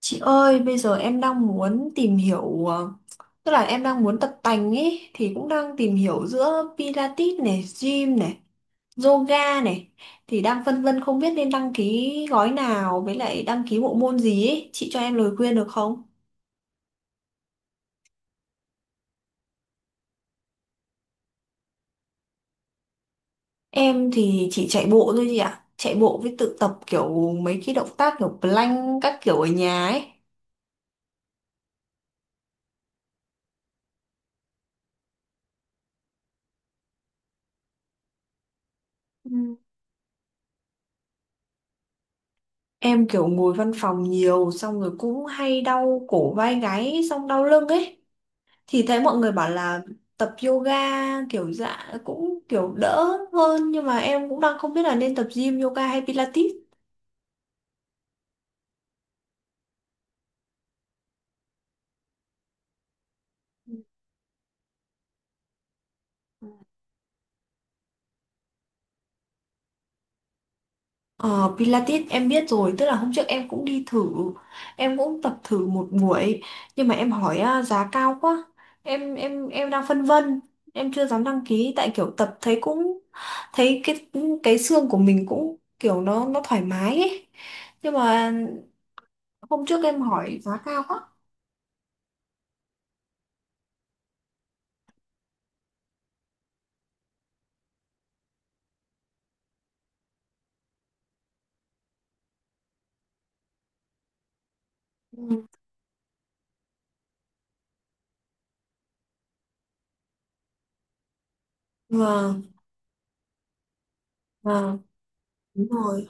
Chị ơi, bây giờ em đang muốn tìm hiểu tức là em đang muốn tập tành ấy thì cũng đang tìm hiểu giữa Pilates này, gym này, yoga này thì đang phân vân không biết nên đăng ký gói nào với lại đăng ký bộ môn gì ấy, chị cho em lời khuyên được không? Em thì chỉ chạy bộ thôi chị ạ. Chạy bộ với tự tập kiểu mấy cái động tác kiểu plank các kiểu ở nhà ấy. Ừ. Em kiểu ngồi văn phòng nhiều xong rồi cũng hay đau cổ vai gáy xong đau lưng ấy, thì thấy mọi người bảo là tập yoga kiểu dạ cũng kiểu đỡ hơn, nhưng mà em cũng đang không biết là nên tập gym, yoga hay Pilates. Ờ, Pilates em biết rồi, tức là hôm trước em cũng đi thử, em cũng tập thử một buổi, nhưng mà em hỏi à, giá cao quá. Em đang phân vân, em chưa dám đăng ký tại kiểu tập thấy cũng thấy cái xương của mình cũng kiểu nó thoải mái ấy, nhưng mà hôm trước em hỏi giá cao quá. Ừ. Vâng, vâng, đúng rồi.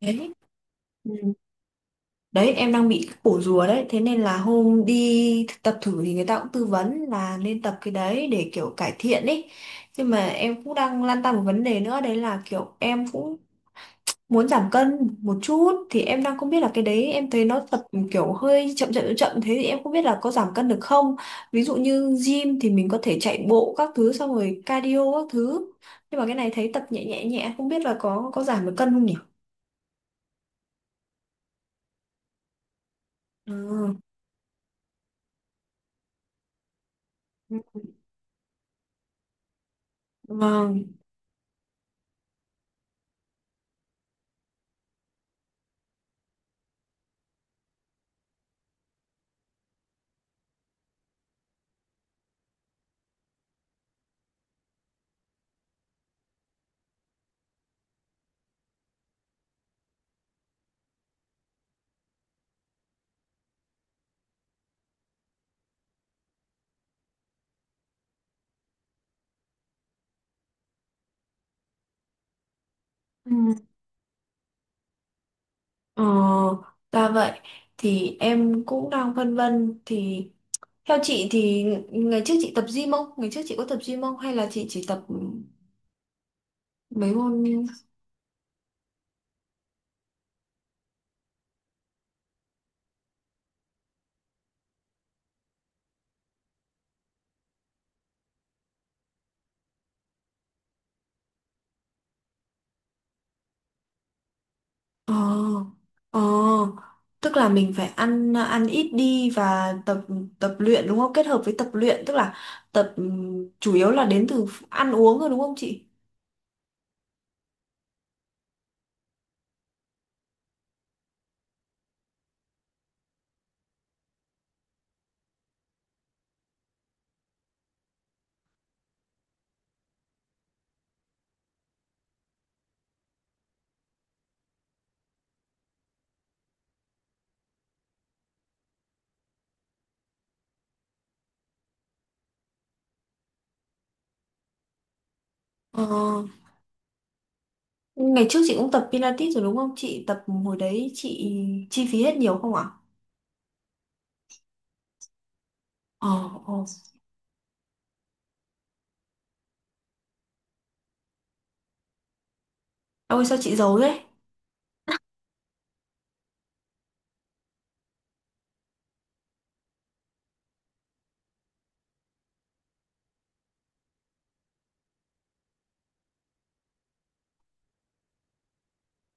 Đấy. Ừ. Đấy, em đang bị cái cổ rùa đấy. Thế nên là hôm đi tập thử thì người ta cũng tư vấn là nên tập cái đấy để kiểu cải thiện ý. Nhưng mà em cũng đang lăn tăn một vấn đề nữa. Đấy là kiểu em cũng muốn giảm cân một chút. Thì em đang không biết là cái đấy, em thấy nó tập kiểu hơi chậm chậm chậm chậm, thế thì em không biết là có giảm cân được không. Ví dụ như gym thì mình có thể chạy bộ các thứ xong rồi cardio các thứ, nhưng mà cái này thấy tập nhẹ nhẹ nhẹ, không biết là có giảm được cân không nhỉ? Ừ. Vâng. Ừ. Ờ, ra vậy. Thì em cũng đang phân vân thì theo chị thì ngày trước chị tập gym không? Ngày trước chị có tập gym không? Hay là chị chỉ tập mấy môn. Ờ ờ tức là mình phải ăn ăn ít đi và tập tập luyện đúng không? Kết hợp với tập luyện, tức là tập chủ yếu là đến từ ăn uống rồi đúng không chị? Ờ, ngày trước chị cũng tập Pilates rồi đúng không? Chị tập hồi đấy chị chi phí hết nhiều không ạ? Ờ, ờ. Ôi sao chị giấu thế?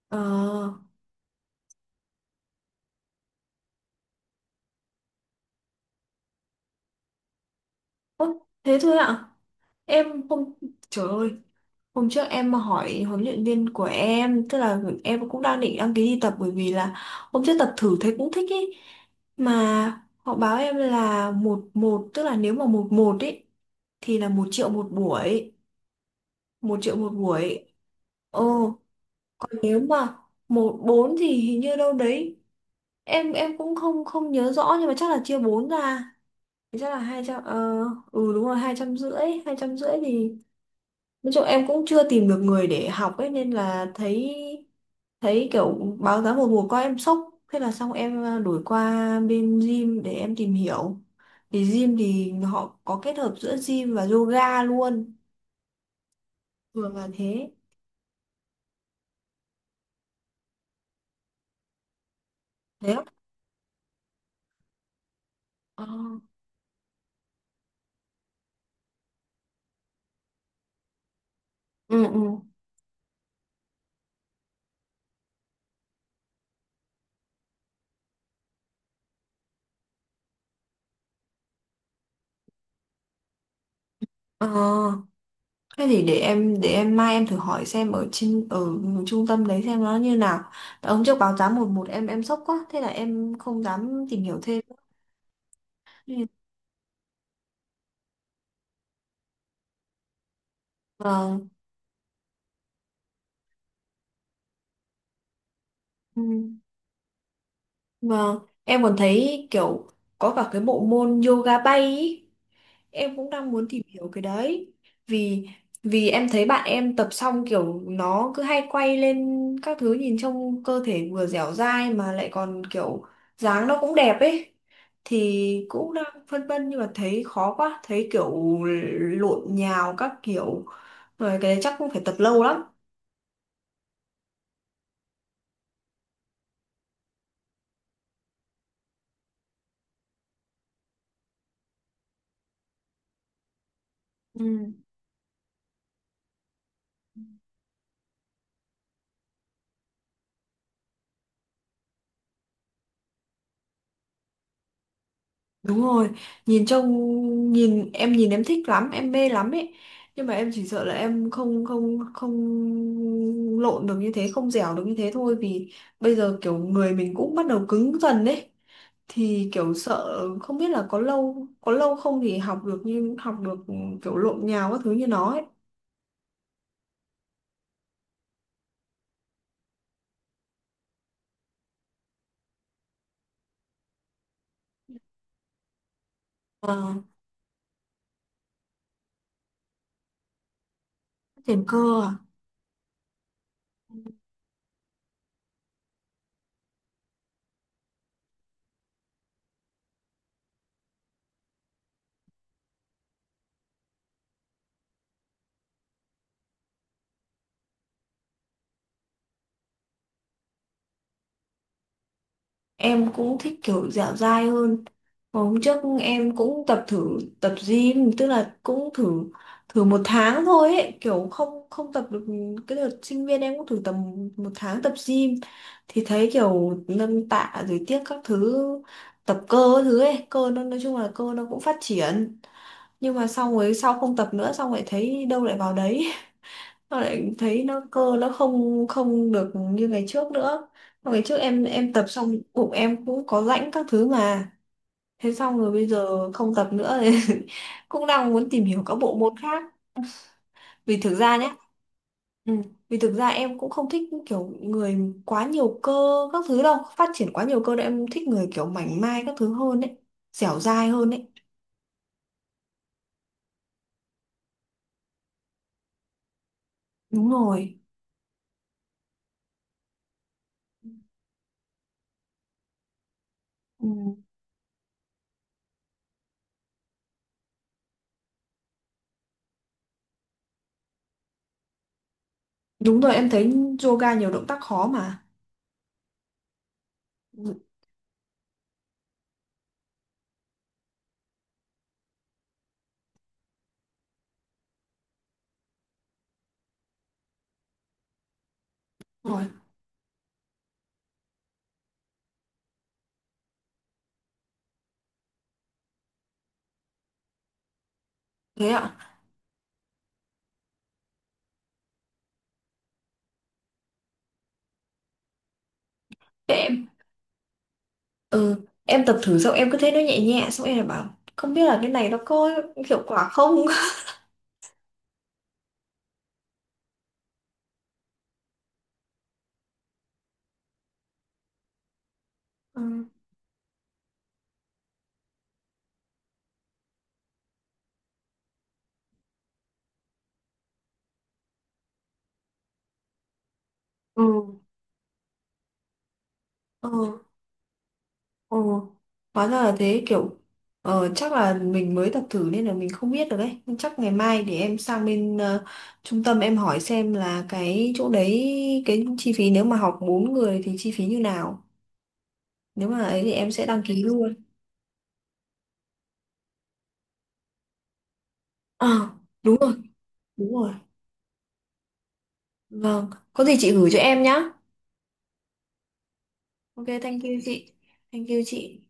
Ờ, ố, thế thôi ạ. Em không. Trời ơi, hôm trước em mà hỏi huấn luyện viên của em, tức là em cũng đang định đăng ký đi tập bởi vì là hôm trước tập thử thấy cũng thích ý. Mà họ báo em là một một, tức là nếu mà một một ý thì là 1 triệu một buổi, 1 triệu một buổi. Ồ, còn nếu mà một bốn thì hình như đâu đấy. Em cũng không không nhớ rõ nhưng mà chắc là chia bốn ra. Thì chắc là hai trăm ờ ừ đúng rồi, 250, 250 thì nói chung em cũng chưa tìm được người để học ấy nên là thấy, thấy kiểu báo giá một mùa qua em sốc, thế là xong em đổi qua bên gym để em tìm hiểu, thì gym thì họ có kết hợp giữa gym và yoga luôn, thường là thế. Thế á? Ờ. Ừ, ừ. Ờ thế thì để em mai em thử hỏi xem ở trên ở trung tâm đấy xem nó như nào. Tại hôm trước báo giá một một em sốc quá, thế là em không dám tìm hiểu thêm. Ừ. Vâng. Ừ. Vâng, em còn thấy kiểu có cả cái bộ môn yoga bay ý. Em cũng đang muốn tìm hiểu cái đấy. Vì vì em thấy bạn em tập xong kiểu nó cứ hay quay lên các thứ nhìn trông cơ thể vừa dẻo dai mà lại còn kiểu dáng nó cũng đẹp ấy. Thì cũng đang phân vân nhưng mà thấy khó quá, thấy kiểu lộn nhào các kiểu. Rồi cái đấy chắc cũng phải tập lâu lắm. Ừ. Đúng rồi, nhìn trông, nhìn em, nhìn em thích lắm, em mê lắm ấy. Nhưng mà em chỉ sợ là em không không không lộn được như thế, không dẻo được như thế thôi vì bây giờ kiểu người mình cũng bắt đầu cứng dần đấy. Thì kiểu sợ không biết là có lâu không thì học được như học được kiểu lộn nhào các thứ như nó ấy. Ờ, phát triển cơ à? Em cũng thích kiểu dẻo dai hơn. Hôm trước em cũng tập thử tập gym, tức là cũng thử thử một tháng thôi ấy, kiểu không không tập được. Cái đợt sinh viên em cũng thử tầm một tháng tập gym thì thấy kiểu nâng tạ rồi tiếc các thứ, tập cơ các thứ ấy, cơ nó nói chung là cơ nó cũng phát triển, nhưng mà xong rồi sau không tập nữa xong lại thấy đâu lại vào đấy. Tao lại thấy nó cơ nó không không được như ngày trước nữa. Ngày trước em tập xong bụng em cũng có rãnh các thứ mà. Thế xong rồi bây giờ không tập nữa thì cũng đang muốn tìm hiểu các bộ môn khác. Vì thực ra nhé, ừ, vì thực ra em cũng không thích kiểu người quá nhiều cơ các thứ đâu, phát triển quá nhiều cơ đâu, em thích người kiểu mảnh mai các thứ hơn đấy, dẻo dai hơn đấy. Đúng rồi. Ừ. Đúng rồi, em thấy yoga nhiều động tác khó mà. Đúng rồi, thế ạ. Thế, ừ, em tập thử xong em cứ thấy nó nhẹ nhẹ xong em lại bảo không biết là cái này nó có hiệu quả không. Ừ. Ừ. Ừ, ừ, hóa ra là thế kiểu. Ờ, chắc là mình mới tập thử nên là mình không biết được đấy, nhưng chắc ngày mai để em sang bên trung tâm em hỏi xem là cái chỗ đấy, cái chi phí nếu mà học 4 người thì chi phí như nào, nếu mà ấy thì em sẽ đăng ký luôn. Ờ đúng rồi, đúng rồi. Vâng, có gì chị gửi cho em nhá. Ok, thank you chị, thank you chị.